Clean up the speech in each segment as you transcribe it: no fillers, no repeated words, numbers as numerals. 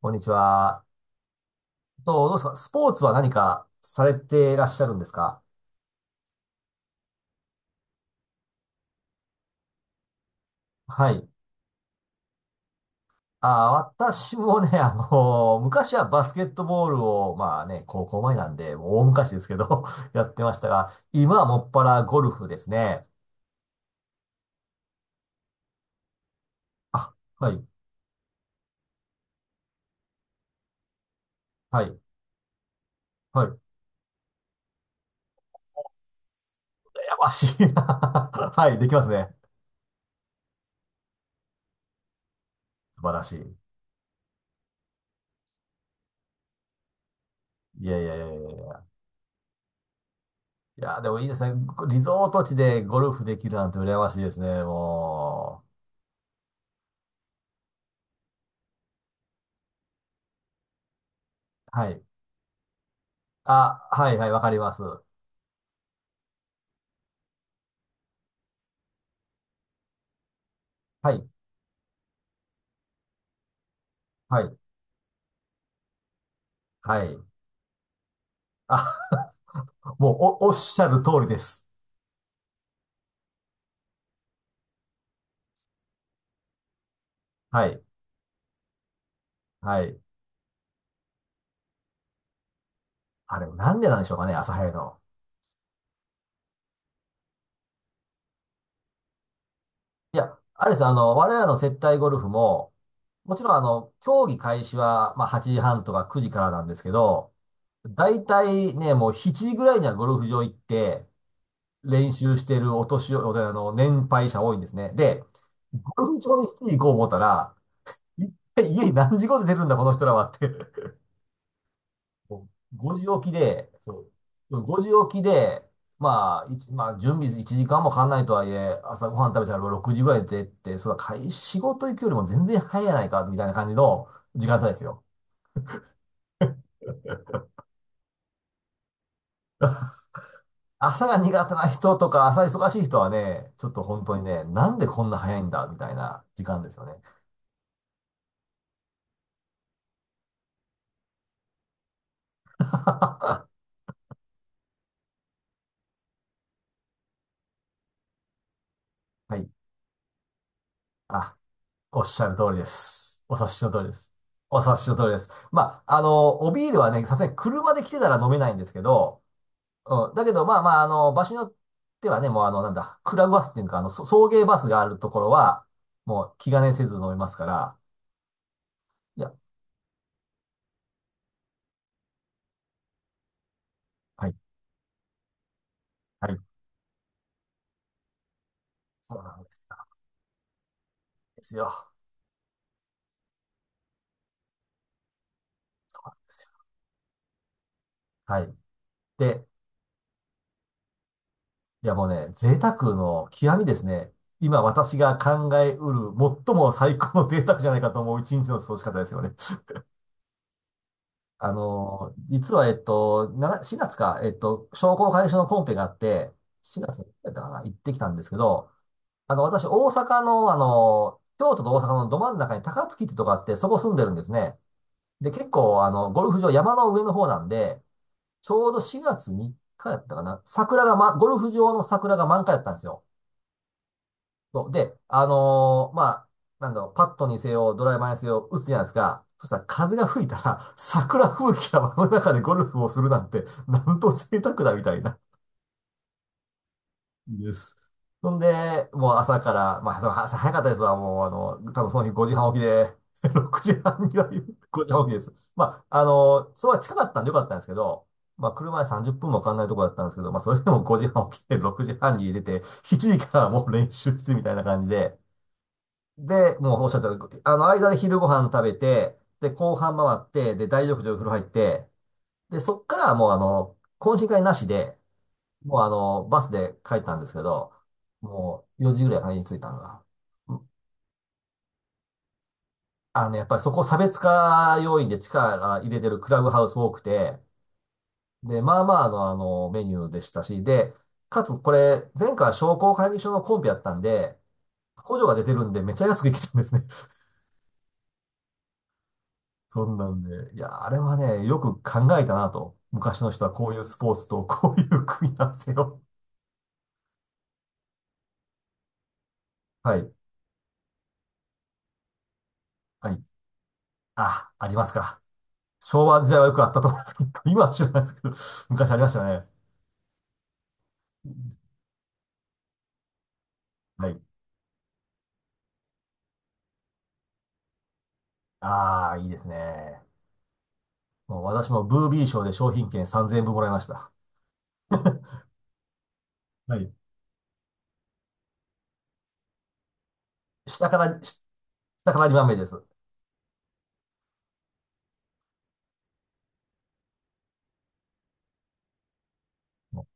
こんにちは。どうですか、スポーツは何かされていらっしゃるんですか？はい。あー、私もね、昔はバスケットボールを、まあね、高校前なんで、もう大昔ですけど やってましたが、今はもっぱらゴルフですね。あ、はい、はい、はい。やましいな。 はい、できますね。素晴らしい。いやいやいやいやいや。いや、でもいいですね。リゾート地でゴルフできるなんて羨ましいですね、もう。はい。あ、はい、はい、わかります。はい。はい。はい。あ、もうおっしゃる通りです。はい。はい。あれ、なんでなんでしょうかね、朝早いの？いや、あれです、あの、我らの接待ゴルフも、もちろん、競技開始は、まあ、8時半とか9時からなんですけど、だいたいね、もう7時ぐらいにはゴルフ場行って、練習してるお年寄り、年配者多いんですね。で、ゴルフ場に7時行こう思ったら、一体家に何時頃出てるんだ、この人らはって。5時起きで、そう、5時起きで、まあ、準備1時間もかかんないとはいえ、朝ごはん食べたら6時ぐらいでって、そうだ、仕事行くよりも全然早いやないか、みたいな感じの時間帯ですよ。朝が苦手な人とか、朝忙しい人はね、ちょっと本当にね、なんでこんな早いんだ、みたいな時間ですよね。はい。あ、おっしゃる通りです。お察しの通りです。お察しの通りです。まあ、おビールはね、さすがに車で来てたら飲めないんですけど、うん、だけど、まあまあ、場所によってはね、もうなんだ、クラブバスっていうか、送迎バスがあるところは、もう気兼ねせず飲みますから、いや、はい、はい、そうなんですよ。ですよそうなんですよ。はい。で、いやもうね、贅沢の極みですね。今私が考えうる最も最高の贅沢じゃないかと思う一日の過ごし方ですよね。実は、4月か、商工会議所のコンペがあって、4月だったかな、行ってきたんですけど、私、大阪の、京都と大阪のど真ん中に高槻ってとこあって、そこ住んでるんですね。で、結構、ゴルフ場、山の上の方なんで、ちょうど4月3日やったかな。桜が、ま、ゴルフ場の桜が満開だったんですよ。そう。で、まあ、なんだろう、パットにせよ、ドライバーにせよ、打つじゃないですか。そしたら風が吹いたら、桜吹雪が真ん中でゴルフをするなんて、なんと贅沢だみたいな。です。そんで、もう朝から、まあ、その朝早かったですわ。もう、多分その日5時半起きで、6時半には 5時半起きです。まあ、そば近かったんでよかったんですけど、まあ、車で30分もかかんないところだったんですけど、まあ、それでも5時半起きて、6時半に出て、7時からもう練習してみたいな感じで、で、もうおっしゃったように、間で昼ご飯食べて、で、後半回って、で、大浴場風呂入って、で、そっからもう、懇親会なしで、もうバスで帰ったんですけど、もう4時ぐらいかな、家に着いたのが。うん、やっぱりそこ差別化要因で力入れてるクラブハウス多くて、で、まあまあのメニューでしたし、で、かつこれ、前回は商工会議所のコンペやったんで、補助が出てるんでめっちゃ安く行きたんですね。そんなんで、いや、あれはね、よく考えたなと。昔の人はこういうスポーツとこういう組み合わせを。はい。はい。あ、ありますか？昭和時代はよくあったと思うんですけど、今は知らないですけど、昔ありましたね。はい。ああ、いいですね。もう私もブービー賞で商品券3000円分もらいました。はい。下から、し下から2番目です。も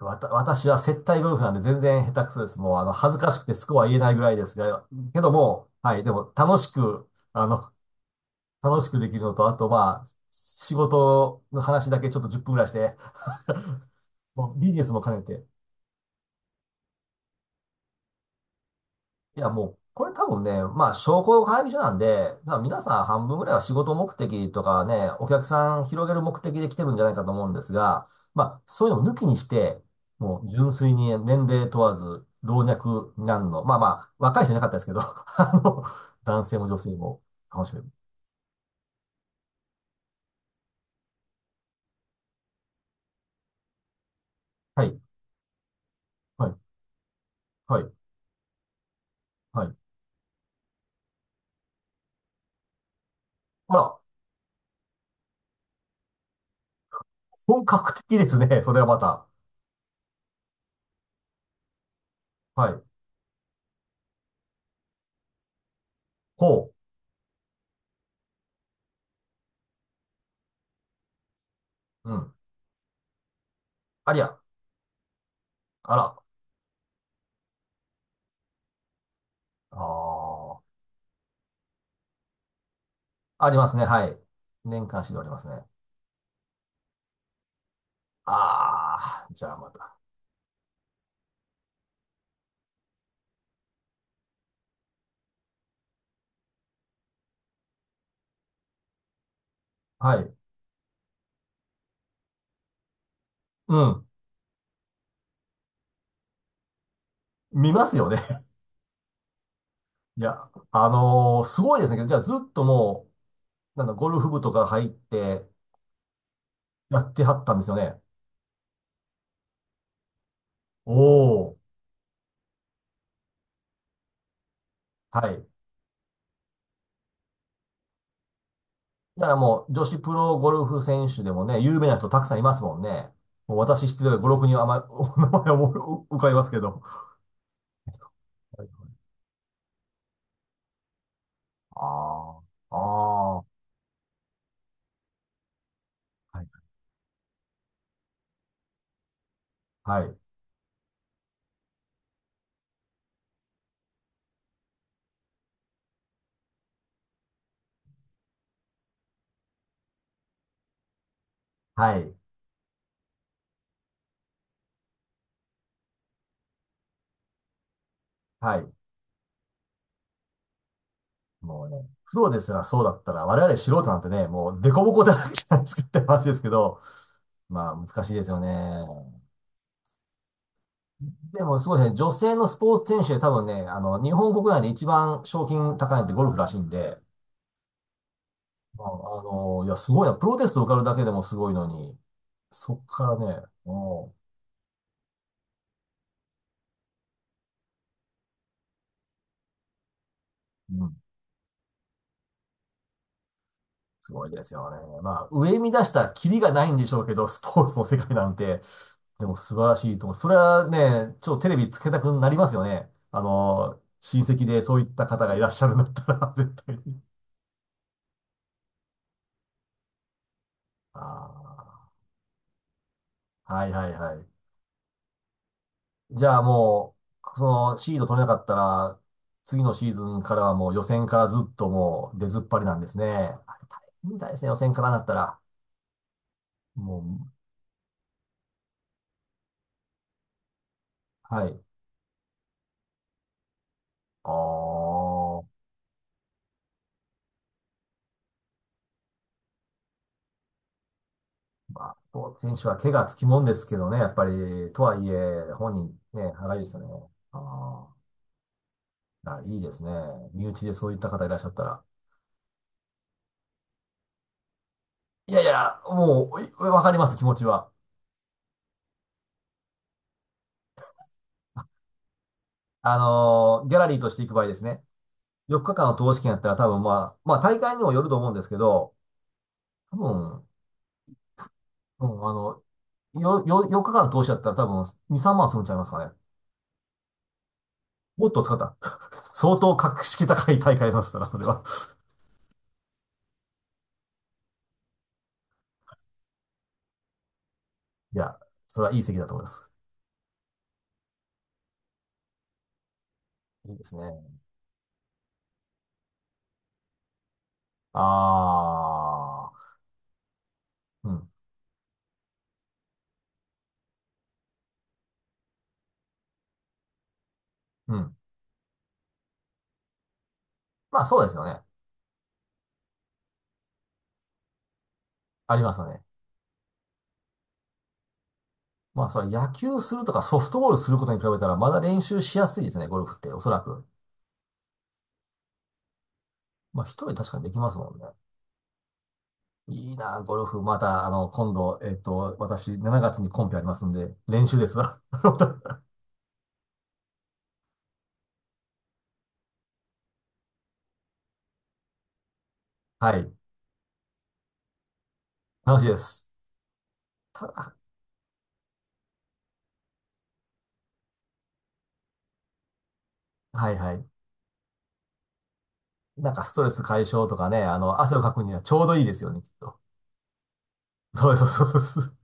う私は接待ゴルフなんで全然下手くそです。もう恥ずかしくてスコア言えないぐらいですが、けども、はい、でも楽しくできるのと、あとまあ、仕事の話だけちょっと10分ぐらいして、もうビジネスも兼ねて、いや、もう、これ多分ね、まあ、商工会議所なんで、まあ皆さん半分ぐらいは仕事目的とかね、お客さん広げる目的で来てるんじゃないかと思うんですが、まあ、そういうのを抜きにして、もう純粋に年齢問わず、老若男女、まあまあ、若い人いなかったですけど、あの、男性も女性も楽しめる。はい、はい、はい、はい。あら、本格的ですね、それはまた。はい。ほう、うん。ありゃ、あら、ああ、ありますね、はい。年間指導ありますね。ああ、じゃあまた。はい。うん。見ますよね。いや、すごいですね。じゃあずっともう、なんかゴルフ部とか入ってやってはったんですよね。おお。はい。だからもう女子プロゴルフ選手でもね、有名な人たくさんいますもんね。もう私知ってる5、6人あまり、お名前を浮かびますけど。はいはい、ああ、ああ、はい、はい、はい、はい。もうね、プロですらそうだったら、我々素人なんてね、もうデコボコだらけじゃなんですかって話ですけど、まあ難しいですよね。でもすごいですね、女性のスポーツ選手で多分ね、日本国内で一番賞金高いのってゴルフらしいんで、まあ、いや、すごいな。プロテスト受かるだけでもすごいのに、そっからね、もう、うん、すごいですよね。まあ、上見出したらキリがないんでしょうけど、スポーツの世界なんて、でも素晴らしいと思う。それはね、ちょっとテレビつけたくなりますよね。親戚でそういった方がいらっしゃるんだったら、絶対に。ああ、はいはいはい。じゃあもう、そのシード取れなかったら、次のシーズンからはもう予選からずっともう出ずっぱりなんですね。あれ大変みたいですね、予選からだったら。もう、はい。ああ。まあ、スポーツ選手は怪我つきもんですけどね、やっぱり、とはいえ、本人ね、歯がゆいですよね。ああ、いやいいですね。身内でそういった方いらっしゃったら。いやいや、もう、わかります、気持ちは。ギャラリーとして行く場合ですね。4日間の投資券やったら多分まあ、まあ大会にもよると思うんですけど、多分、うん、4日間の投資だったら多分2、3万するんちゃいますかね？もっと使った。相当格式高い大会だとしたら、それは。いや、それはいい席だと思います。いいですね。ああ、うん、うん。まあそうですよね。ありますよね。まあそれ野球するとかソフトボールすることに比べたらまだ練習しやすいですね、ゴルフって、おそらく。まあ一人確かにできますもんね。いいな、ゴルフ。また、今度、私、7月にコンペありますんで、練習ですわ。はい。楽しいです。はいはい。なんかストレス解消とかね、汗をかくにはちょうどいいですよね、きっと。そうです、そうです。